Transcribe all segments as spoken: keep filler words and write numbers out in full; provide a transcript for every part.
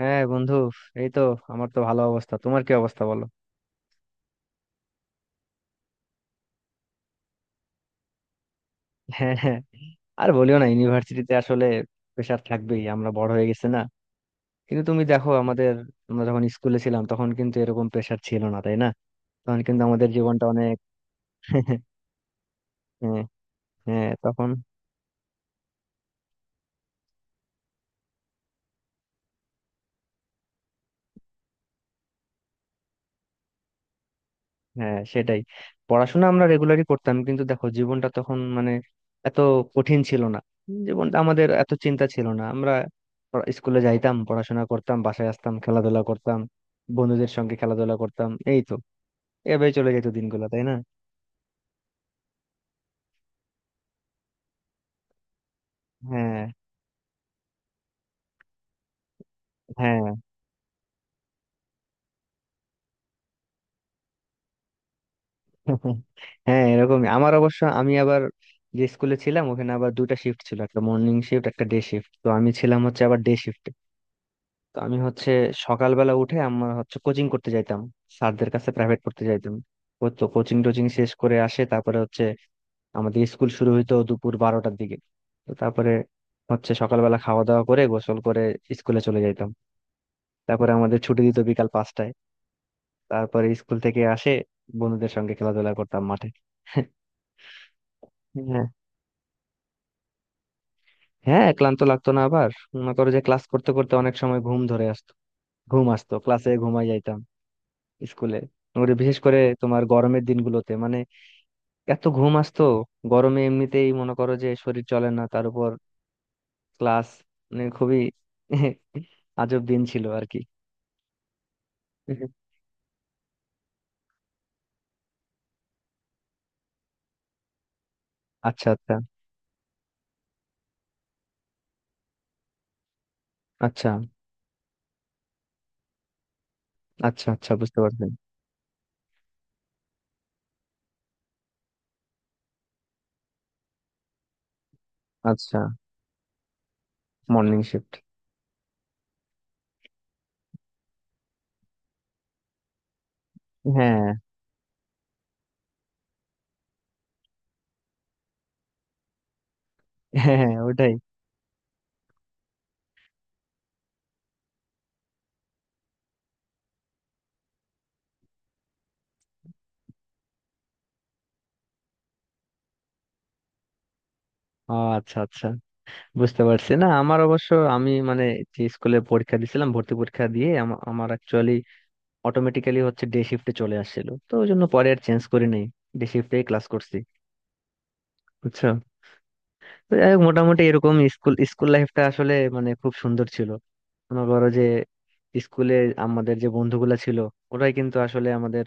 হ্যাঁ বন্ধু, এই তো আমার তো ভালো অবস্থা। তোমার কি অবস্থা বলো? হ্যাঁ, হ্যাঁ, আর বলিও না, ইউনিভার্সিটিতে আসলে প্রেশার থাকবেই, আমরা বড় হয়ে গেছে না। কিন্তু তুমি দেখো আমাদের, আমরা যখন স্কুলে ছিলাম তখন কিন্তু এরকম প্রেশার ছিল না, তাই না? তখন কিন্তু আমাদের জীবনটা অনেক হ্যাঁ, হ্যাঁ তখন। হ্যাঁ সেটাই, পড়াশোনা আমরা রেগুলারই করতাম, কিন্তু দেখো জীবনটা তখন মানে এত কঠিন ছিল না। জীবনটা আমাদের, এত চিন্তা ছিল না আমরা পড়া- স্কুলে যাইতাম, পড়াশোনা করতাম, বাসায় আসতাম, খেলাধুলা করতাম, বন্ধুদের সঙ্গে খেলাধুলা করতাম, এই তো এভাবে চলে যেত দিনগুলো, তাই না? হ্যাঁ, হ্যাঁ। হ্যাঁ এরকমই। আমার অবশ্য, আমি আবার যে স্কুলে ছিলাম ওখানে আবার দুটা শিফট ছিল, একটা মর্নিং শিফট একটা ডে শিফট, তো আমি ছিলাম হচ্ছে আবার ডে শিফট। তো আমি হচ্ছে সকালবেলা উঠে আমরা হচ্ছে কোচিং করতে যাইতাম, স্যারদের কাছে প্রাইভেট পড়তে যাইতাম। ও তো কোচিং টোচিং শেষ করে আসে তারপরে হচ্ছে আমাদের স্কুল শুরু হইতো দুপুর বারোটার দিকে। তো তারপরে হচ্ছে সকালবেলা খাওয়া দাওয়া করে, গোসল করে স্কুলে চলে যাইতাম। তারপরে আমাদের ছুটি দিত বিকাল পাঁচটায়। তারপরে স্কুল থেকে আসে বন্ধুদের সঙ্গে খেলাধুলা করতাম মাঠে। হ্যাঁ, হ্যাঁ ক্লান্ত লাগতো না। আবার মনে করো যে ক্লাস করতে করতে অনেক সময় ঘুম ধরে আসতো, ঘুম আসতো, ক্লাসে ঘুমাই যাইতাম স্কুলে। ওরে, বিশেষ করে তোমার গরমের দিনগুলোতে মানে এত ঘুম আসতো, গরমে এমনিতেই মনে করো যে শরীর চলে না, তার উপর ক্লাস, মানে খুবই আজব দিন ছিল আর কি। আচ্ছা, আচ্ছা। আচ্ছা, আচ্ছা। আচ্ছা, বুঝতে পারছি। আচ্ছা। Morning shift. হ্যাঁ, হ্যাঁ। হ্যাঁ, ওটাই। ও আচ্ছা, আচ্ছা বুঝতে পারছি। না, আমার অবশ্য, আমি মানে যে স্কুলে পরীক্ষা দিছিলাম, ভর্তি পরীক্ষা দিয়ে আমা- আমার অ্যাকচুয়ালি অটোমেটিক্যালি হচ্ছে ডে শিফটে চলে আসছিল, তো ওই জন্য পরে আর চেঞ্জ করি নাই, ডে শিফটেই ক্লাস করছি, বুঝছো? তো যাই হোক, মোটামুটি এরকম স্কুল স্কুল লাইফটা আসলে মানে খুব সুন্দর ছিল। মনে করো যে স্কুলে আমাদের যে বন্ধুগুলা ছিল, ওরাই কিন্তু আসলে আমাদের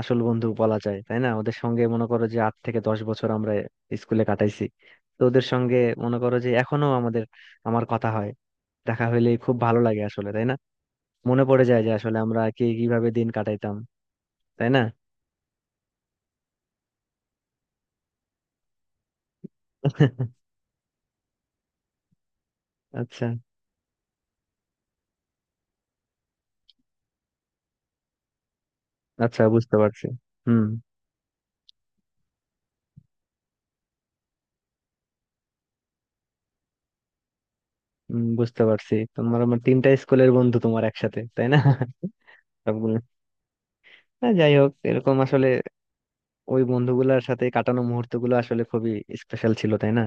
আসল বন্ধু বলা যায়, তাই না? ওদের সঙ্গে মনে করো যে আট থেকে দশ বছর আমরা স্কুলে কাটাইছি। তো ওদের সঙ্গে মনে করো যে এখনো আমাদের, আমার কথা হয়, দেখা হইলে খুব ভালো লাগে আসলে, তাই না? মনে পড়ে যায় যে আসলে আমরা কে কিভাবে দিন কাটাইতাম, তাই না? আচ্ছা, আচ্ছা বুঝতে পারছি। হুম। হুম, বুঝতে পারছি, তোমার আমার তিনটা স্কুলের বন্ধু তোমার একসাথে, তাই না? সবগুলো। না, যাই হোক, এরকম আসলে ওই বন্ধুগুলোর সাথে কাটানো মুহূর্ত গুলো আসলে খুবই স্পেশাল ছিল, তাই না?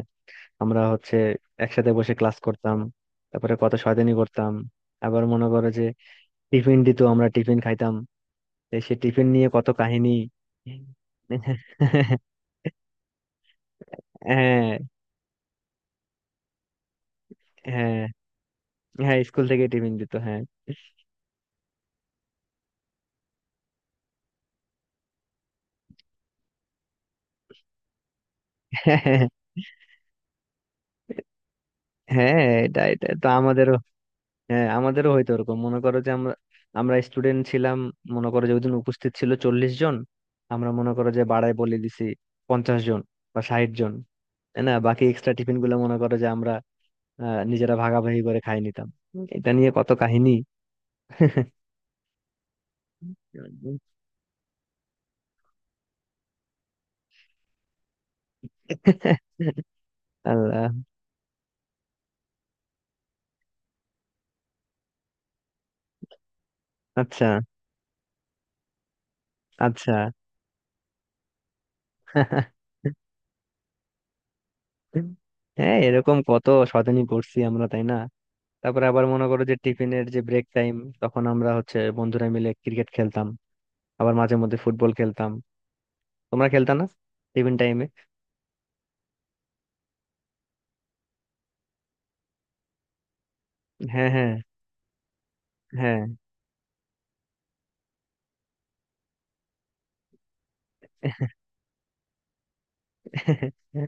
আমরা হচ্ছে একসাথে বসে ক্লাস করতাম, তারপরে কত শয়তানি করতাম। আবার মনে করো যে টিফিন দিত, আমরা টিফিন খাইতাম, এই সে টিফিন নিয়ে কত কাহিনী। হ্যাঁ। হ্যাঁ, হ্যাঁ স্কুল থেকে টিফিন দিত, হ্যাঁ। হ্যাঁ এটা এটা তো আমাদের। হ্যাঁ আমাদেরও হয়তো ওরকম, মনে করো যে আমরা আমরা স্টুডেন্ট ছিলাম মনে করো যে ওইদিন উপস্থিত ছিল চল্লিশ জন, আমরা মনে করো যে বাড়ায় বলে দিছি পঞ্চাশ জন বা ষাট জন, তাই না? বাকি এক্সট্রা টিফিন গুলো মনে করো যে আমরা আহ, নিজেরা ভাগাভাগি করে খাই নিতাম। এটা নিয়ে কত কাহিনী। আল্লাহ। আচ্ছা, আচ্ছা। হ্যাঁ এরকম কত শয়তানি করছি আমরা, তাই না? তারপরে আবার মনে করো যে টিফিনের যে ব্রেক টাইম, তখন আমরা হচ্ছে বন্ধুরা মিলে ক্রিকেট খেলতাম, আবার মাঝে মধ্যে ফুটবল খেলতাম। তোমরা খেলতা না টিফিন টাইমে? হ্যাঁ, হ্যাঁ। হ্যাঁ, হ্যাঁ।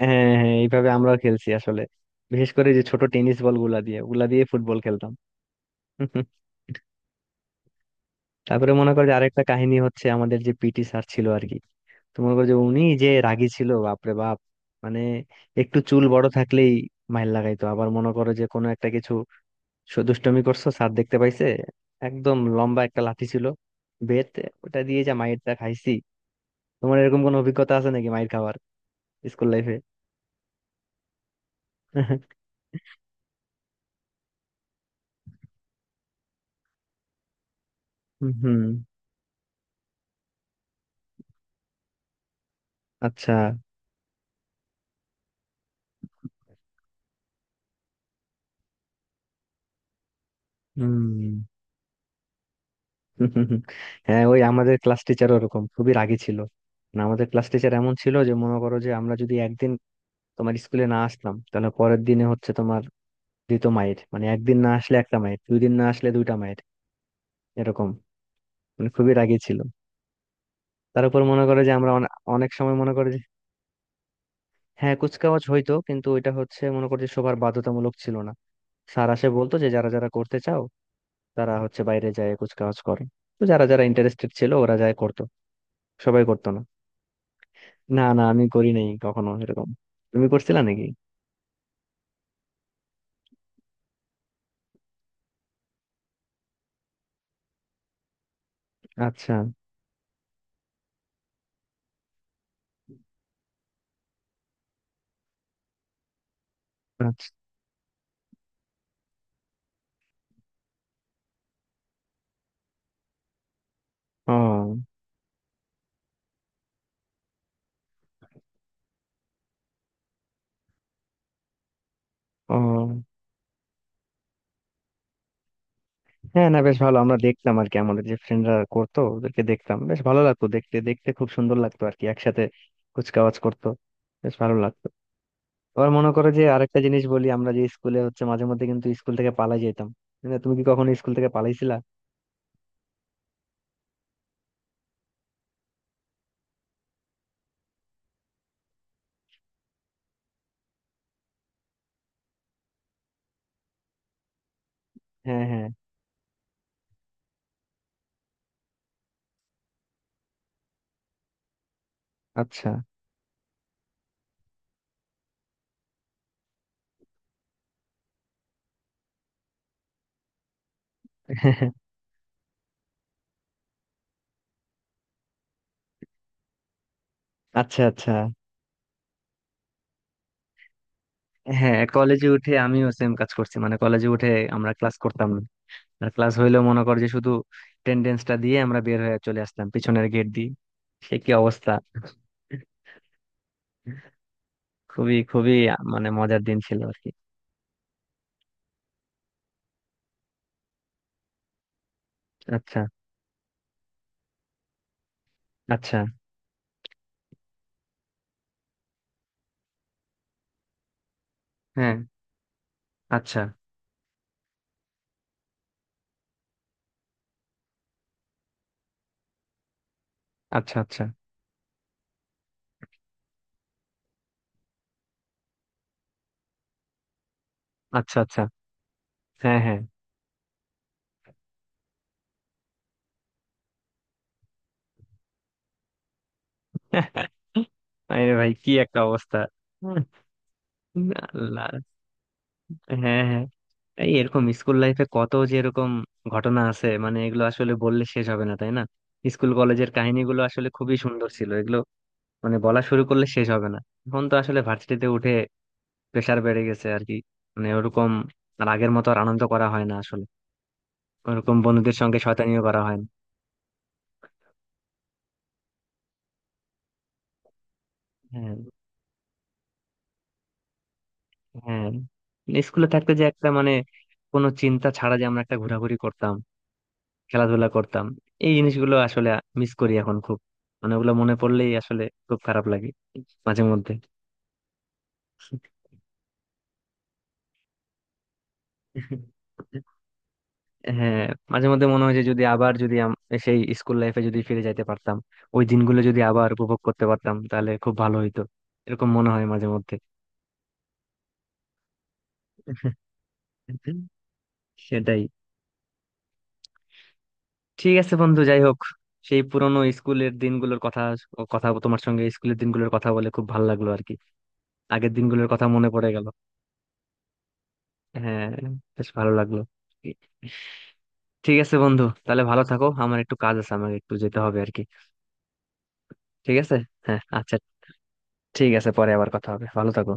হ্যাঁ এইভাবে আমরাও খেলছি আসলে, বিশেষ করে যে ছোট টেনিস বল গুলা দিয়ে, ওগুলা দিয়ে ফুটবল খেলতাম। তারপরে মনে করো যে আরেকটা কাহিনী হচ্ছে আমাদের যে পিটি স্যার ছিল আর কি, তো মনে করো যে উনি যে রাগী ছিল বাপরে বাপ, মানে একটু চুল বড় থাকলেই মাইর লাগাইতো। আবার মনে করো যে কোনো একটা কিছু স- দুষ্টুমি করছো, স্যার দেখতে পাইছে, একদম লম্বা একটা লাঠি ছিল, বেত, ওটা দিয়ে যা মাইরটা খাইছি। তোমার এরকম কোনো অভিজ্ঞতা আছে নাকি মাইর খাবার স্কুল লাইফে? হুম। আচ্ছা। হুম। হ্যাঁ ওই আমাদের ক্লাস টিচার ওরকম খুবই রাগী ছিল। মানে আমাদের ক্লাস টিচার এমন ছিল যে মনে করো যে আমরা যদি একদিন তোমার স্কুলে না আসলাম, তাহলে পরের দিনে হচ্ছে তোমার দ্বিতীয় মাইর। মানে একদিন না আসলে একটা মাইর, দুই দিন না আসলে দুইটা মাইর, এরকম। মানে খুবই রাগী ছিল। তার উপর মনে করে যে আমরা অনে- অনেক সময় মনে করে যে, হ্যাঁ কুচকাওয়াজ হইতো কিন্তু ওইটা হচ্ছে মনে করো যে সবার বাধ্যতামূলক ছিল না। স্যার আসে বলতো যে যারা যারা করতে চাও তারা হচ্ছে বাইরে যায় কুচকাওয়াজ করে। তো যারা যারা ইন্টারেস্টেড ছিল ওরা যায় করতো, সবাই করতো না। না না, আমি করি নাই কখনো এরকম। তুমি করছিলা নাকি? আচ্ছা, আচ্ছা। ও। ও। হ্যাঁ না বেশ ভালো, আমরা দেখতাম আর কি, আমাদের যে ফ্রেন্ডরা করতো ওদেরকে দেখতাম বেশ ভালো লাগতো, দেখতে দেখতে খুব সুন্দর লাগতো আর কি, একসাথে কুচকাওয়াজ করতো, বেশ ভালো লাগতো। আবার মনে করো যে আরেকটা জিনিস বলি, আমরা যে স্কুলে হচ্ছে মাঝে মধ্যে কিন্তু স্কুল থেকে পালাই যেতাম। মানে তুমি কি কখনো স্কুল থেকে পালাইছিলা? হ্যাঁ, হ্যাঁ। আচ্ছা। আচ্ছা, আচ্ছা। হ্যাঁ কলেজে উঠে আমিও সেম কাজ করছি, মানে কলেজে উঠে আমরা ক্লাস করতাম না, আর ক্লাস হইলেও মনে কর যে শুধু টেন্ডেন্সটা দিয়ে আমরা বের হয়ে চলে আসতাম পিছনের গেট দিয়ে। সে কি অবস্থা, খুবই খুবই মানে মজার দিন ছিল আর কি। আচ্ছা, আচ্ছা। হ্যাঁ। আচ্ছা, আচ্ছা। আচ্ছা, আচ্ছা। আচ্ছা। হ্যাঁ, হ্যাঁ। আরে ভাই কি একটা অবস্থা! আল্লাহ। হ্যাঁ, হ্যাঁ। এই এরকম স্কুল লাইফে কত যে এরকম ঘটনা আছে, মানে এগুলো আসলে বললে শেষ হবে না, তাই না? স্কুল কলেজের কাহিনীগুলো আসলে খুবই সুন্দর ছিল এগুলো, মানে বলা শুরু করলে শেষ হবে না। এখন তো আসলে ভার্সিটিতে উঠে প্রেসার বেড়ে গেছে আর কি, মানে ওরকম আর আগের মতো আর আনন্দ করা হয় না আসলে, ওরকম বন্ধুদের সঙ্গে শয়তানিও করা হয় না। হ্যাঁ। হ্যাঁ, স্কুলে থাকতে যে একটা মানে কোনো চিন্তা ছাড়া যে আমরা একটা ঘোরাঘুরি করতাম, খেলাধুলা করতাম, এই জিনিসগুলো আসলে মিস করি এখন খুব। মানে ওগুলো মনে পড়লেই আসলে খুব খারাপ লাগে মাঝে মধ্যে। হ্যাঁ মাঝে মধ্যে মনে হয় যে যদি আবার, যদি আম- সেই স্কুল লাইফে যদি ফিরে যাইতে পারতাম, ওই দিনগুলো যদি আবার উপভোগ করতে পারতাম তাহলে খুব ভালো হইতো, এরকম মনে হয় মাঝে মধ্যে। সেটাই। ঠিক আছে বন্ধু, যাই হোক, সেই পুরনো স্কুলের দিনগুলোর কথা, কথা তোমার সঙ্গে স্কুলের দিনগুলোর কথা বলে খুব ভালো লাগলো আর কি, আগের দিনগুলোর কথা মনে পড়ে গেল। হ্যাঁ, বেশ ভালো লাগলো। ঠিক আছে বন্ধু, তাহলে ভালো থাকো, আমার একটু কাজ আছে আমাকে একটু যেতে হবে আর কি। ঠিক আছে। হ্যাঁ, আচ্ছা। ঠিক আছে, পরে আবার কথা হবে, ভালো থাকো।